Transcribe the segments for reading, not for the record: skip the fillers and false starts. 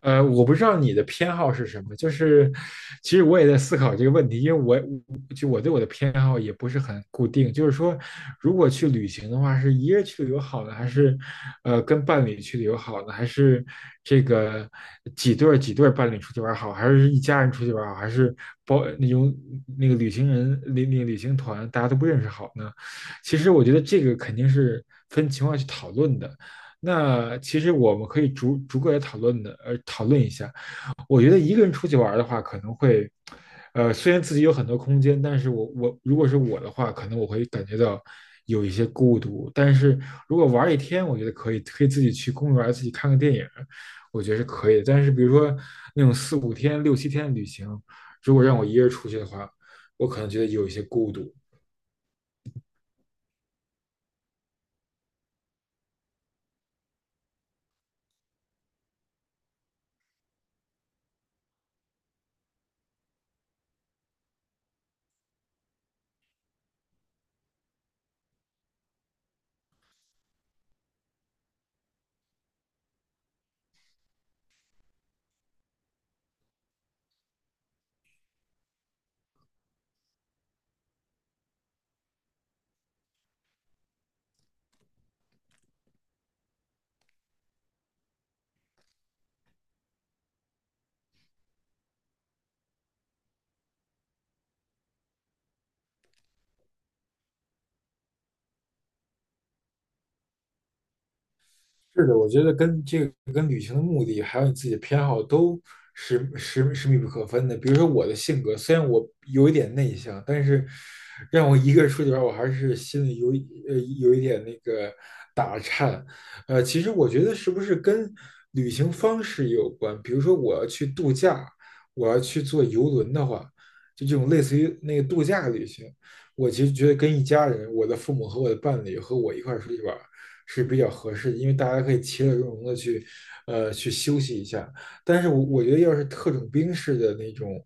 我不知道你的偏好是什么，就是其实我也在思考这个问题，因为我我对我的偏好也不是很固定，就是说，如果去旅行的话，是一个人去旅游好呢，还是跟伴侣去旅游好呢，还是这个几对儿伴侣出去玩儿好，还是一家人出去玩儿好，还是包那种那个旅行人那那个旅行团大家都不认识好呢？其实我觉得这个肯定是分情况去讨论的，那其实我们可以逐个来讨论的，讨论一下。我觉得一个人出去玩的话，可能会，虽然自己有很多空间，但是我如果是我的话，可能我会感觉到有一些孤独。但是如果玩一天，我觉得可以，可以自己去公园自己看个电影，我觉得是可以的。但是比如说那种四五天、六七天的旅行，如果让我一个人出去的话，我可能觉得有一些孤独。是的，我觉得跟这个跟旅行的目的，还有你自己的偏好都是密不可分的。比如说我的性格，虽然我有一点内向，但是让我一个人出去玩儿，我还是心里有一点那个其实我觉得是不是跟旅行方式也有关？比如说我要去度假，我要去坐游轮的话，就这种类似于那个度假旅行，我其实觉得跟一家人，我的父母和我的伴侣和我一块儿出去玩儿是比较合适的，因为大家可以其乐融融的去，去休息一下。但是我觉得要是特种兵式的那种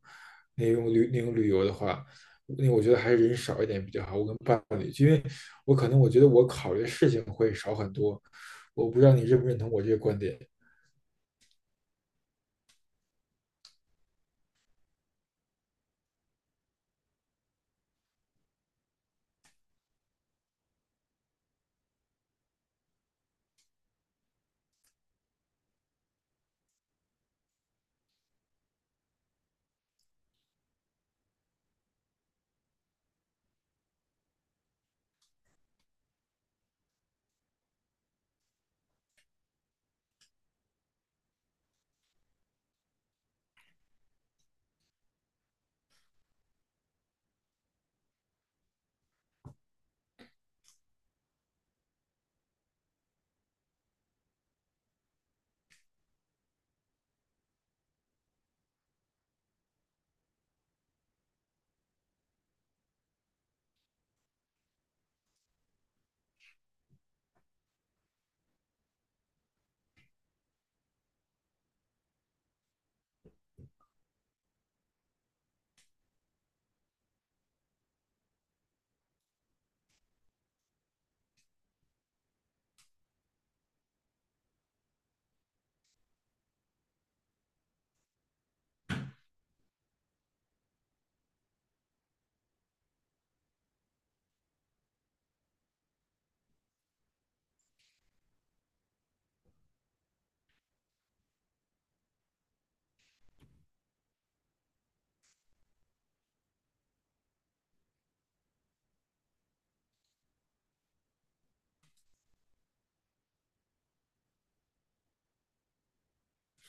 那种旅游的话，那我觉得还是人少一点比较好。我跟伴侣，因为我可能我觉得我考虑的事情会少很多。我不知道你认不认同我这个观点。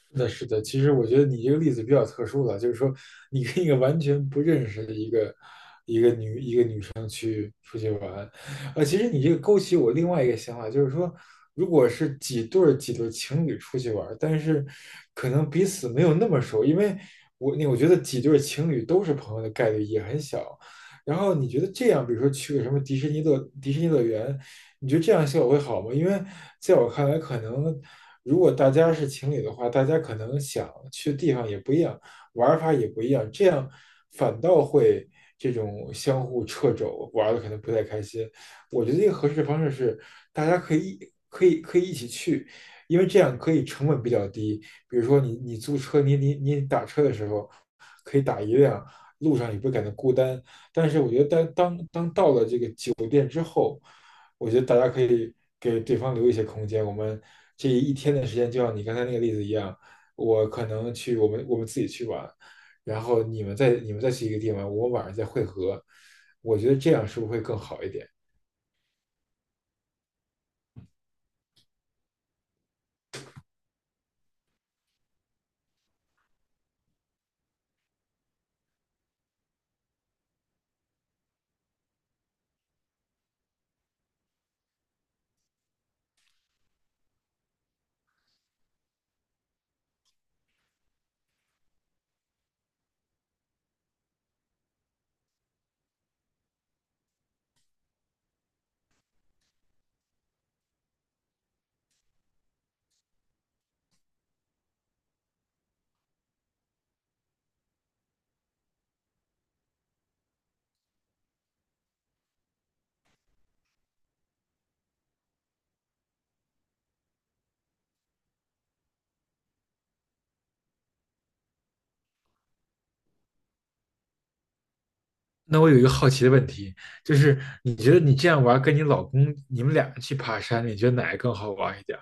那是的，其实我觉得你这个例子比较特殊了，就是说你跟一个完全不认识的一个出去玩。呃，其实你这个勾起我另外一个想法，就是说，如果是几对儿情侣出去玩儿，但是可能彼此没有那么熟，因为我觉得几对儿情侣都是朋友的概率也很小。然后你觉得这样，比如说去个什么迪士尼乐园，你觉得这样效果会好吗？因为在我看来，可能如果大家是情侣的话，大家可能想去的地方也不一样。玩法也不一样，这样反倒会这种相互掣肘，玩的可能不太开心。我觉得一个合适的方式是，大家可以可以一起去，因为这样可以成本比较低。比如说你租车，你打车的时候可以打一辆，路上也不会感到孤单。但是我觉得当当当道我觉得大家可以给对方留一些空间。我们这一天的时间，就像你刚才那个例子一样，我可能去我们自己去玩，然后你们再去一个地方，我晚上再会合。我觉得这样是不是会更好一点？那我有一个好奇的问题，就是你觉得你这样玩，跟你老公你们俩去爬山，你觉得哪个更好玩一点？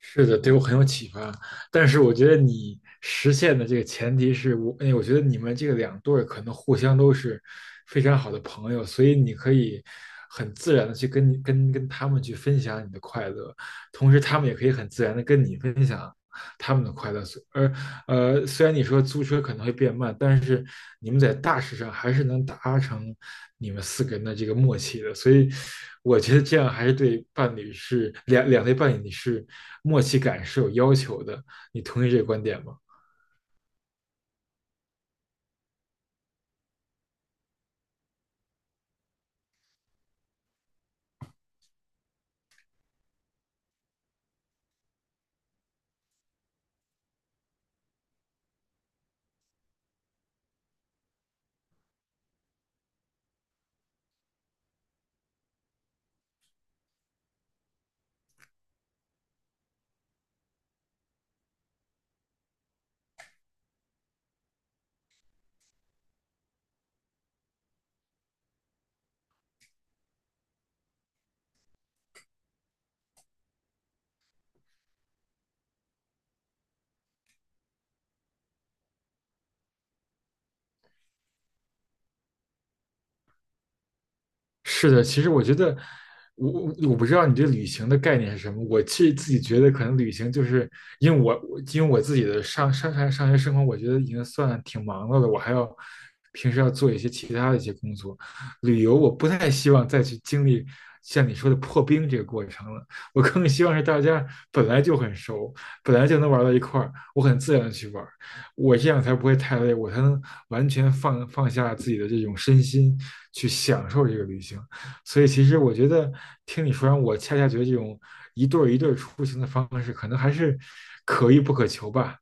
是的，对我很有启发。但是我觉得你实现的这个前提是我，哎，我觉得你们这个两对儿可能互相都是非常好的朋友，所以你可以很自然的去跟你跟跟他们去分享你的快乐，同时他们也可以很自然的跟你分享他们的快乐。呃，虽然你说租车可能会变慢，但是你们在大事上还是能达成你们四个人的这个默契的，所以我觉得这样还是对伴侣是两两对伴侣你是默契感是有要求的。你同意这个观点吗？是的，其实我觉得，我不知道你对旅行的概念是什么。我其实自己觉得，可能旅行就是因为我自己的上学生活，我觉得已经算挺忙碌的，我还要平时要做一些其他的一些工作。旅游我不太希望再去经历像你说的破冰这个过程了，我更希望是大家本来就很熟，本来就能玩到一块儿，我很自然的去玩。我这样才不会太累，我才能完全放下自己的这种身心，去享受这个旅行。所以其实我觉得听你说完，我恰恰觉得这种一对一对出行的方式，可能还是可遇不可求吧。